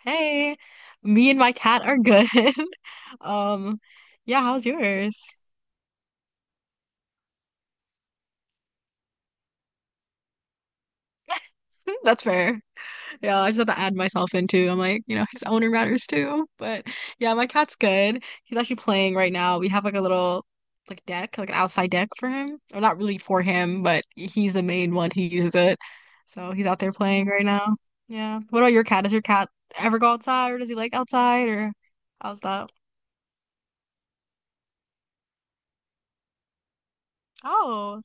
Hey, me and my cat are good. Um, yeah, how's yours? That's fair. Yeah, I just had to add myself in too. I'm like, his owner matters too. But yeah, my cat's good. He's actually playing right now. We have like a little like deck, like an outside deck for him. Or not really for him, but he's the main one who uses it. So he's out there playing right now. Yeah. What about your cat? Does your cat ever go outside or does he like outside or how's that? Oh.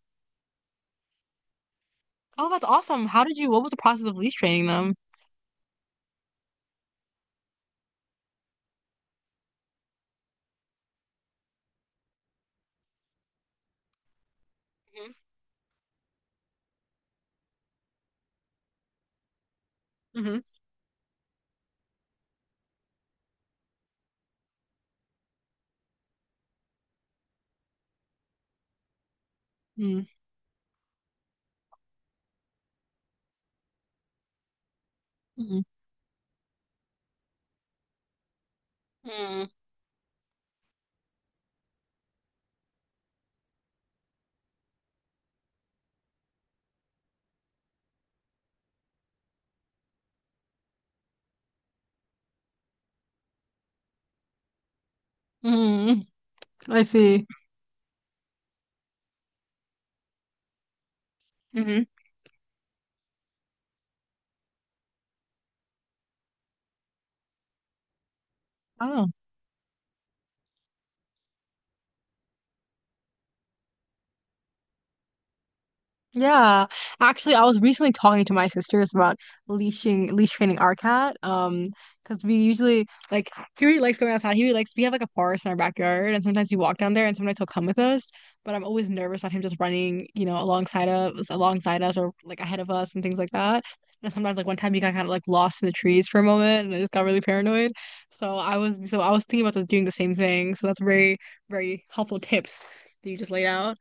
Oh, that's awesome. How did you, what was the process of leash training them? Hmm. Hmm. Mm-hmm. Mm-hmm. I see. Mm-hmm. Oh. Yeah, actually, I was recently talking to my sisters about leashing, leash training our cat. Because we usually like he really likes going outside. He really likes we have like a forest in our backyard, and sometimes we walk down there, and sometimes he'll come with us. But I'm always nervous about him just running, alongside us, or like ahead of us, and things like that. And sometimes, like one time, he got kind of like lost in the trees for a moment, and I just got really paranoid. So I was thinking about doing the same thing. So that's very, very helpful tips that you just laid out.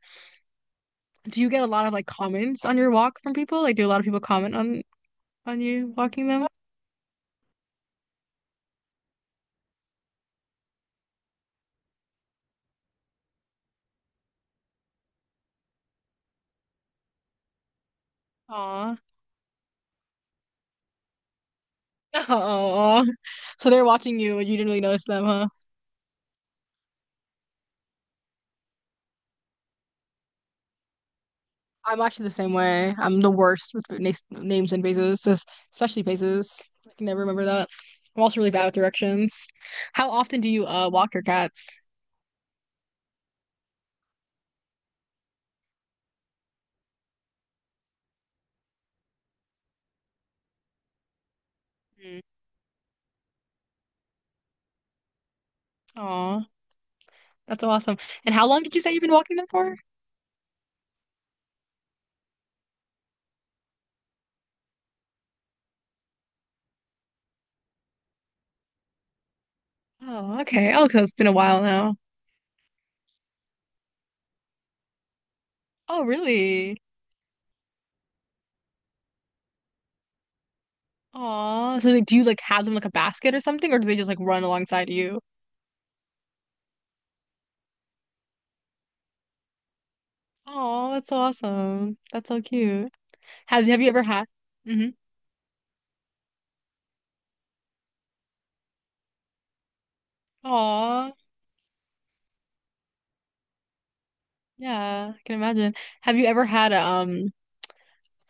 Do you get a lot of like comments on your walk from people? Like, do a lot of people comment on you walking them? Aw. Oh, so they're watching you and you didn't really notice them, huh? I'm actually the same way. I'm the worst with na names and faces, especially faces. I can never remember that. I'm also really bad with directions. How often do you walk your cats? Mm. Aw, that's awesome. And how long did you say you've been walking them for? Oh, okay. Oh, 'cause it's been a while now. Oh, really? Aw, so like, do you like have them like a basket or something, or do they just like run alongside you? Aw, that's so awesome. That's so cute. Have you ever had? Mm-hmm. Aw, yeah, I can imagine. Have you ever had a um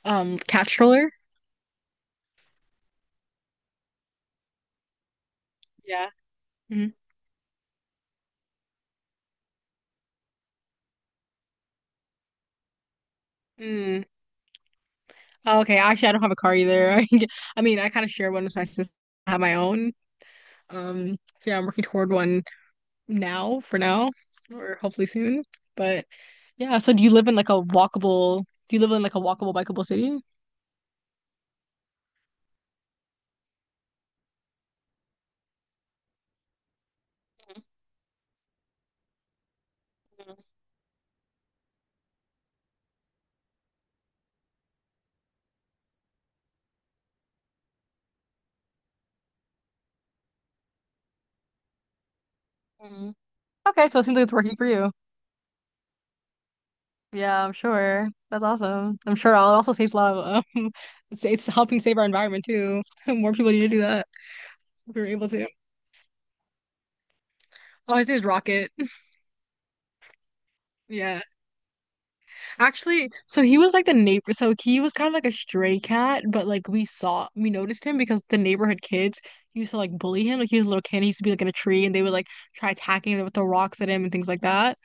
um cat stroller? Yeah. Hmm. Mm. Oh, okay. Actually, I don't have a car either. I mean, I kind of share one with my sister. I have my own. So yeah, I'm working toward one now for now, or hopefully soon. But yeah, so do you live in like a walkable? Do you live in like a walkable, bikeable city? Mm. Okay, so it seems like it's working for you. Yeah, I'm sure. That's awesome. I'm sure it also saves a lot of it's helping save our environment too. More people need to do that if we are able to. Oh, his name's Rocket. Yeah. Actually, so he was like the neighbor. So he was kind of like a stray cat, but like we noticed him because the neighborhood kids used to like bully him. Like he was a little kid, he used to be like in a tree, and they would like try attacking him with the rocks at him and things like that.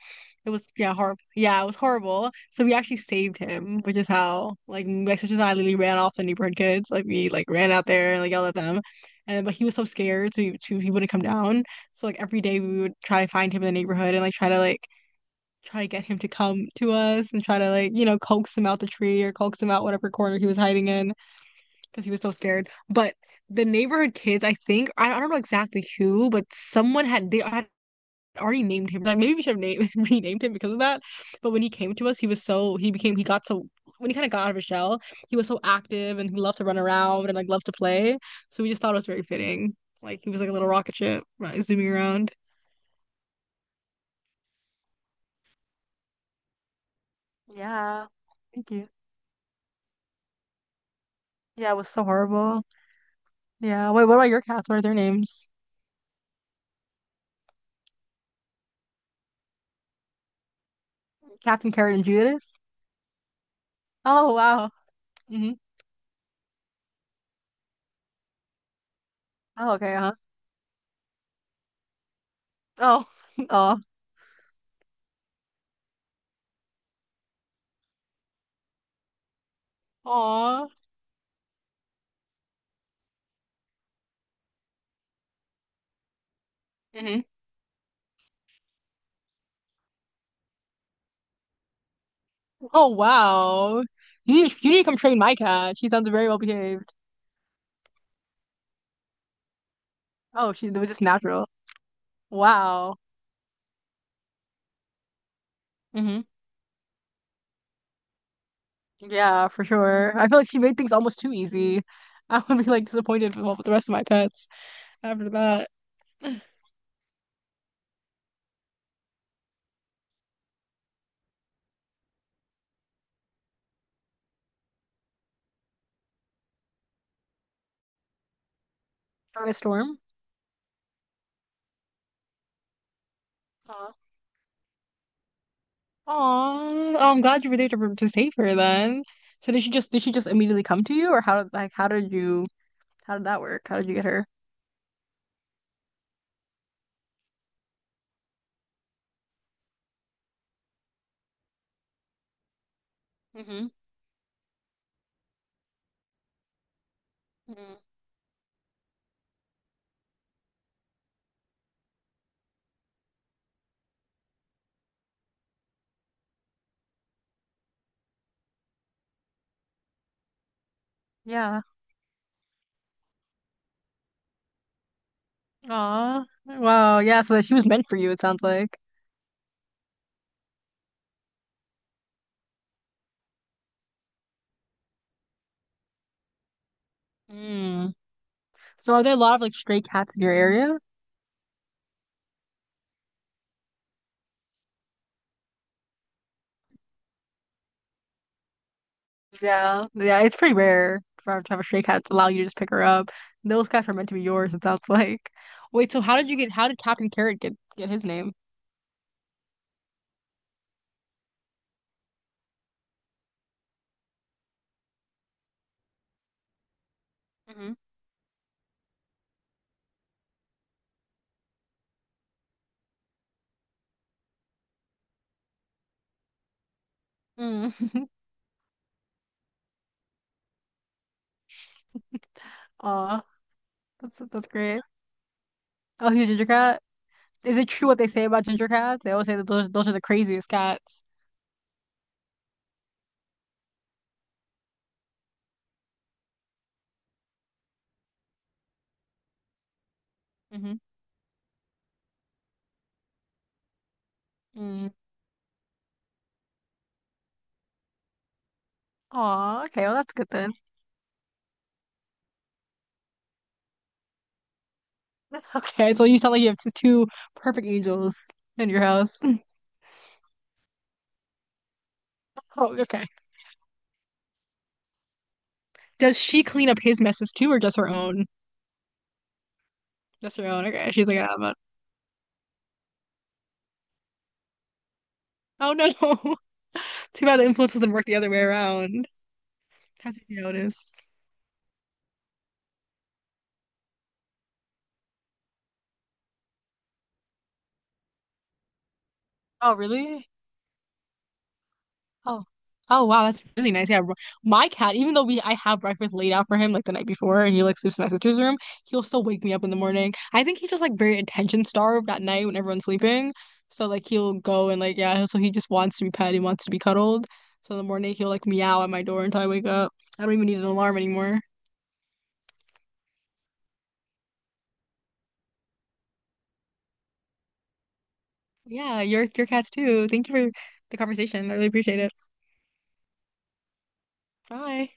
It was yeah, horrible. Yeah, it was horrible. So we actually saved him, which is how like my sisters and I literally ran off the neighborhood kids. Like we like ran out there and like yelled at them, and but he was so scared, so he wouldn't come down. So like every day we would try to find him in the neighborhood and try to get him to come to us and try to like, coax him out the tree or coax him out whatever corner he was hiding in because he was so scared. But the neighborhood kids, I think, I don't know exactly who, but someone had they had already named him. Like maybe we should have named renamed him because of that. But when he came to us, he got so when he kind of got out of his shell, he was so active and he loved to run around and like loved to play. So we just thought it was very fitting. Like he was like a little rocket ship, right, zooming around. Yeah. Thank you. Yeah, it was so horrible. Yeah. Wait, what about your cats? What are their names? Captain Carrot and Judas? Oh, wow. Hmm. Oh, okay, huh? Oh. Oh. Aw. Hmm. Oh, wow. You need to come train my cat. She sounds very well behaved. Oh, she was just natural. Wow. Hmm. Yeah, for sure. I feel like she made things almost too easy. I would be like disappointed with all the rest of my pets after that. Starting a storm? Aw, oh, I'm glad you were there to save her then. So did she just immediately come to you or how did you how did that work? How did you get her? Mm-hmm. Hmm. Yeah. Aw. Wow. Yeah, so that she was meant for you, it sounds like. Mm. So are there a lot of like stray cats in your area? Yeah. Yeah, it's pretty rare for to have a stray cat to allow you to just pick her up. Those cats are meant to be yours, it sounds like. Wait, so how did Captain Carrot get his name? Hmm. Mm. Aw, that's great. Oh, he's a ginger cat? Is it true what they say about ginger cats? They always say that those are the craziest cats. Mm-hmm. Mm. Aw, okay, well that's good then. Okay, so you sound like you have just two perfect angels in your house. Oh, okay. Does she clean up his messes too, or just her own? Just her own. Okay, she's like, ah, but oh no, too bad the influence doesn't work the other way around. How did you notice? Oh, really? Oh, oh wow, that's really nice. Yeah, my cat, even though we I have breakfast laid out for him like the night before, and he like sleeps in my sister's room, he'll still wake me up in the morning. I think he's just like very attention starved at night when everyone's sleeping. So like he'll go and like yeah, so he just wants to be pet, he wants to be cuddled. So in the morning he'll like meow at my door until I wake up. I don't even need an alarm anymore. Yeah, your cats too. Thank you for the conversation. I really appreciate it. Bye.